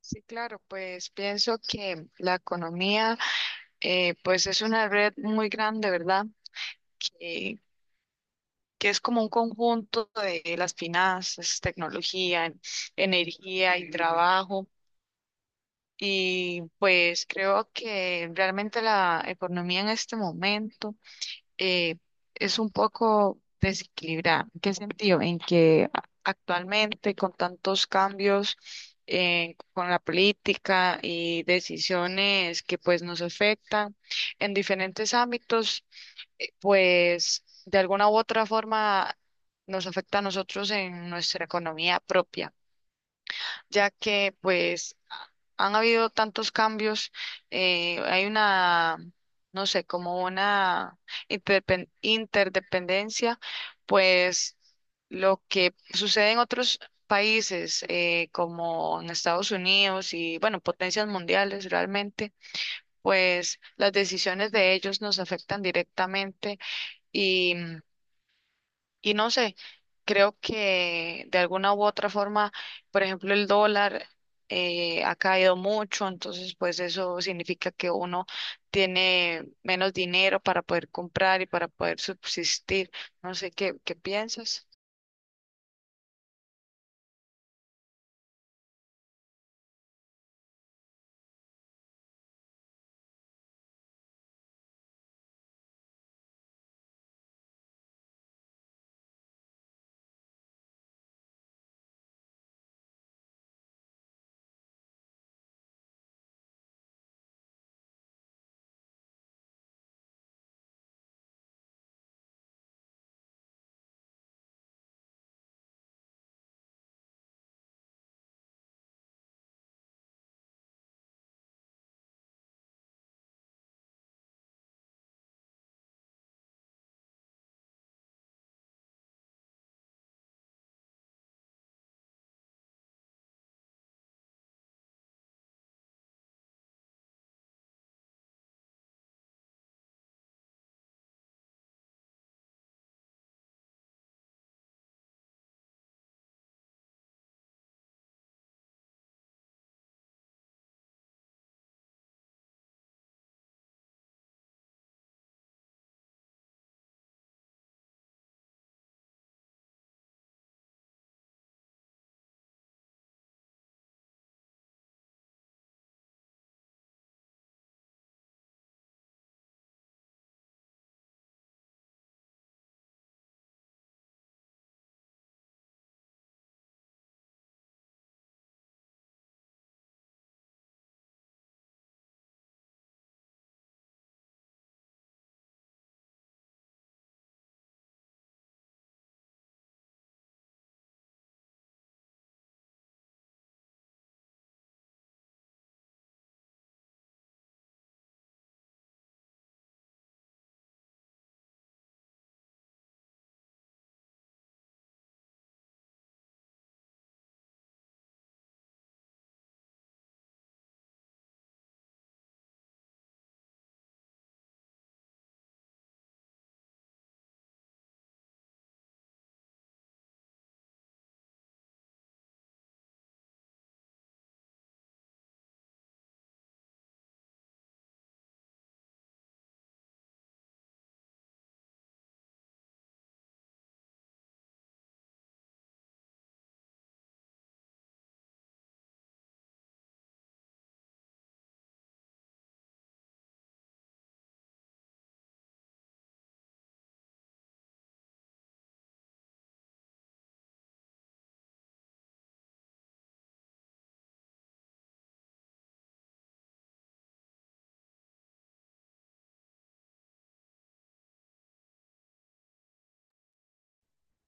Sí, claro, pues pienso que la economía, pues es una red muy grande, ¿verdad? Que, que es como un conjunto de las finanzas, tecnología, energía y trabajo. Y pues creo que realmente la economía en este momento eh, es un poco desequilibrada. ¿En qué sentido? En que actualmente con tantos cambios, con la política y decisiones que pues nos afectan en diferentes ámbitos, pues de alguna u otra forma nos afecta a nosotros en nuestra economía propia, ya que pues han habido tantos cambios. Hay una, no sé, como una interdependencia, pues lo que sucede en otros países, como en Estados Unidos y, bueno, potencias mundiales realmente, pues las decisiones de ellos nos afectan directamente y, no sé, creo que de alguna u otra forma, por ejemplo, el dólar ha caído mucho. Entonces pues eso significa que uno tiene menos dinero para poder comprar y para poder subsistir. No sé qué, qué piensas.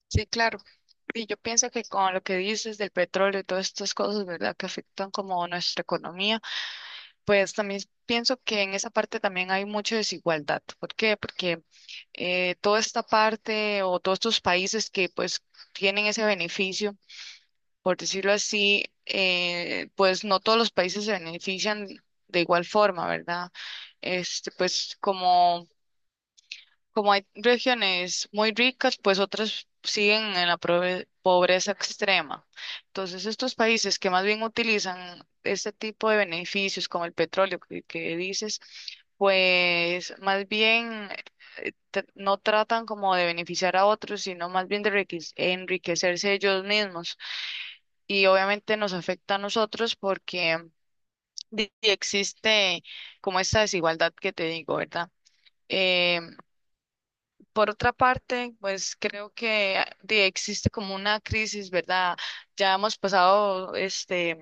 Sí, claro. Y yo pienso que con lo que dices del petróleo y todas estas cosas, ¿verdad?, que afectan como nuestra economía, pues también pienso que en esa parte también hay mucha desigualdad. ¿Por qué? Porque toda esta parte o todos estos países que pues tienen ese beneficio, por decirlo así, pues no todos los países se benefician de igual forma, ¿verdad? Este, pues como como hay regiones muy ricas, pues otras siguen en la pobreza extrema. Entonces, estos países que más bien utilizan este tipo de beneficios, como el petróleo que dices, pues más bien, no tratan como de beneficiar a otros, sino más bien de enriquecerse ellos mismos. Y obviamente nos afecta a nosotros porque existe como esta desigualdad que te digo, ¿verdad? Eh, por otra parte, pues creo que existe como una crisis, ¿verdad? Ya hemos pasado este,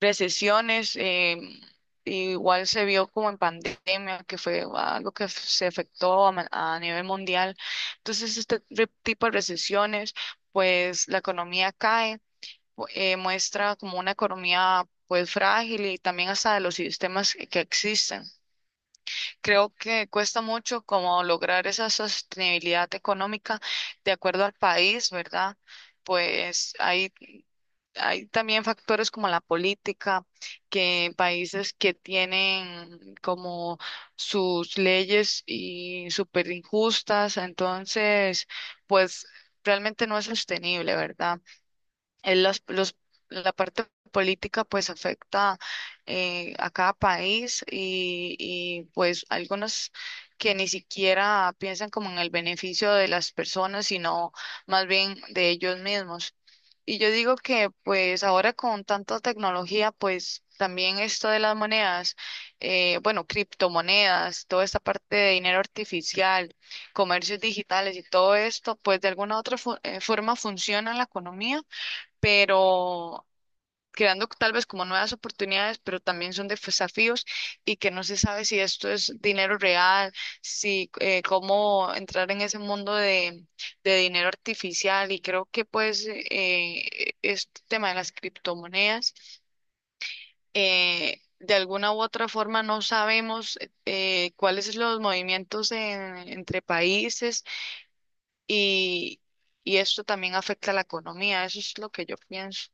recesiones. Igual se vio como en pandemia, que fue algo que se afectó a, a nivel mundial. Entonces, este tipo de recesiones, pues la economía cae, muestra como una economía pues frágil y también hasta de los sistemas que existen. Creo que cuesta mucho como lograr esa sostenibilidad económica de acuerdo al país, ¿verdad? Pues hay también factores como la política, que países que tienen como sus leyes y súper injustas. Entonces, pues realmente no es sostenible, ¿verdad? eh, los, los- la parte política pues afecta, a cada país, y pues algunos que ni siquiera piensan como en el beneficio de las personas, sino más bien de ellos mismos. Y yo digo que pues ahora con tanta tecnología, pues también esto de las monedas, bueno, criptomonedas, toda esta parte de dinero artificial, comercios digitales y todo esto, pues de alguna u otra forma funciona en la economía, pero creando tal vez como nuevas oportunidades, pero también son desafíos, y que no se sabe si esto es dinero real, si, cómo entrar en ese mundo de dinero artificial. Y creo que pues este tema de las criptomonedas, de alguna u otra forma no sabemos cuáles son los movimientos entre países, y, y esto también afecta a la economía. Eso es lo que yo pienso.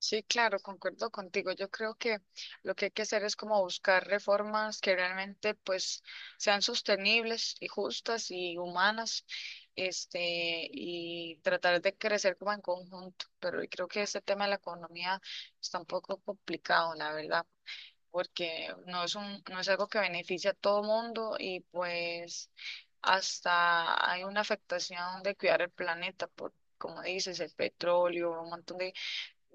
Sí, claro, concuerdo contigo. Yo creo que lo que hay que hacer es como buscar reformas que realmente pues sean sostenibles y justas y humanas, este, y tratar de crecer como en conjunto. Pero yo creo que este tema de la economía está un poco complicado, la verdad, porque no es un, no es algo que beneficia a todo mundo, y pues hasta hay una afectación de cuidar el planeta por, como dices, el petróleo, un montón de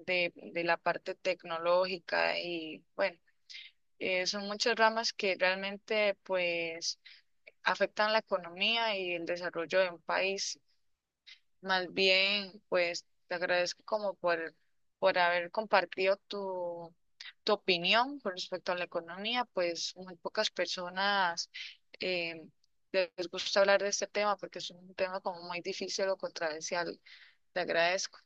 de la parte tecnológica. Y bueno, son muchas ramas que realmente pues afectan la economía y el desarrollo de un país. Más bien, pues te agradezco como por haber compartido tu, tu opinión con respecto a la economía. Pues muy pocas personas, eh, les gusta hablar de este tema porque es un tema como muy difícil o controversial. Te agradezco.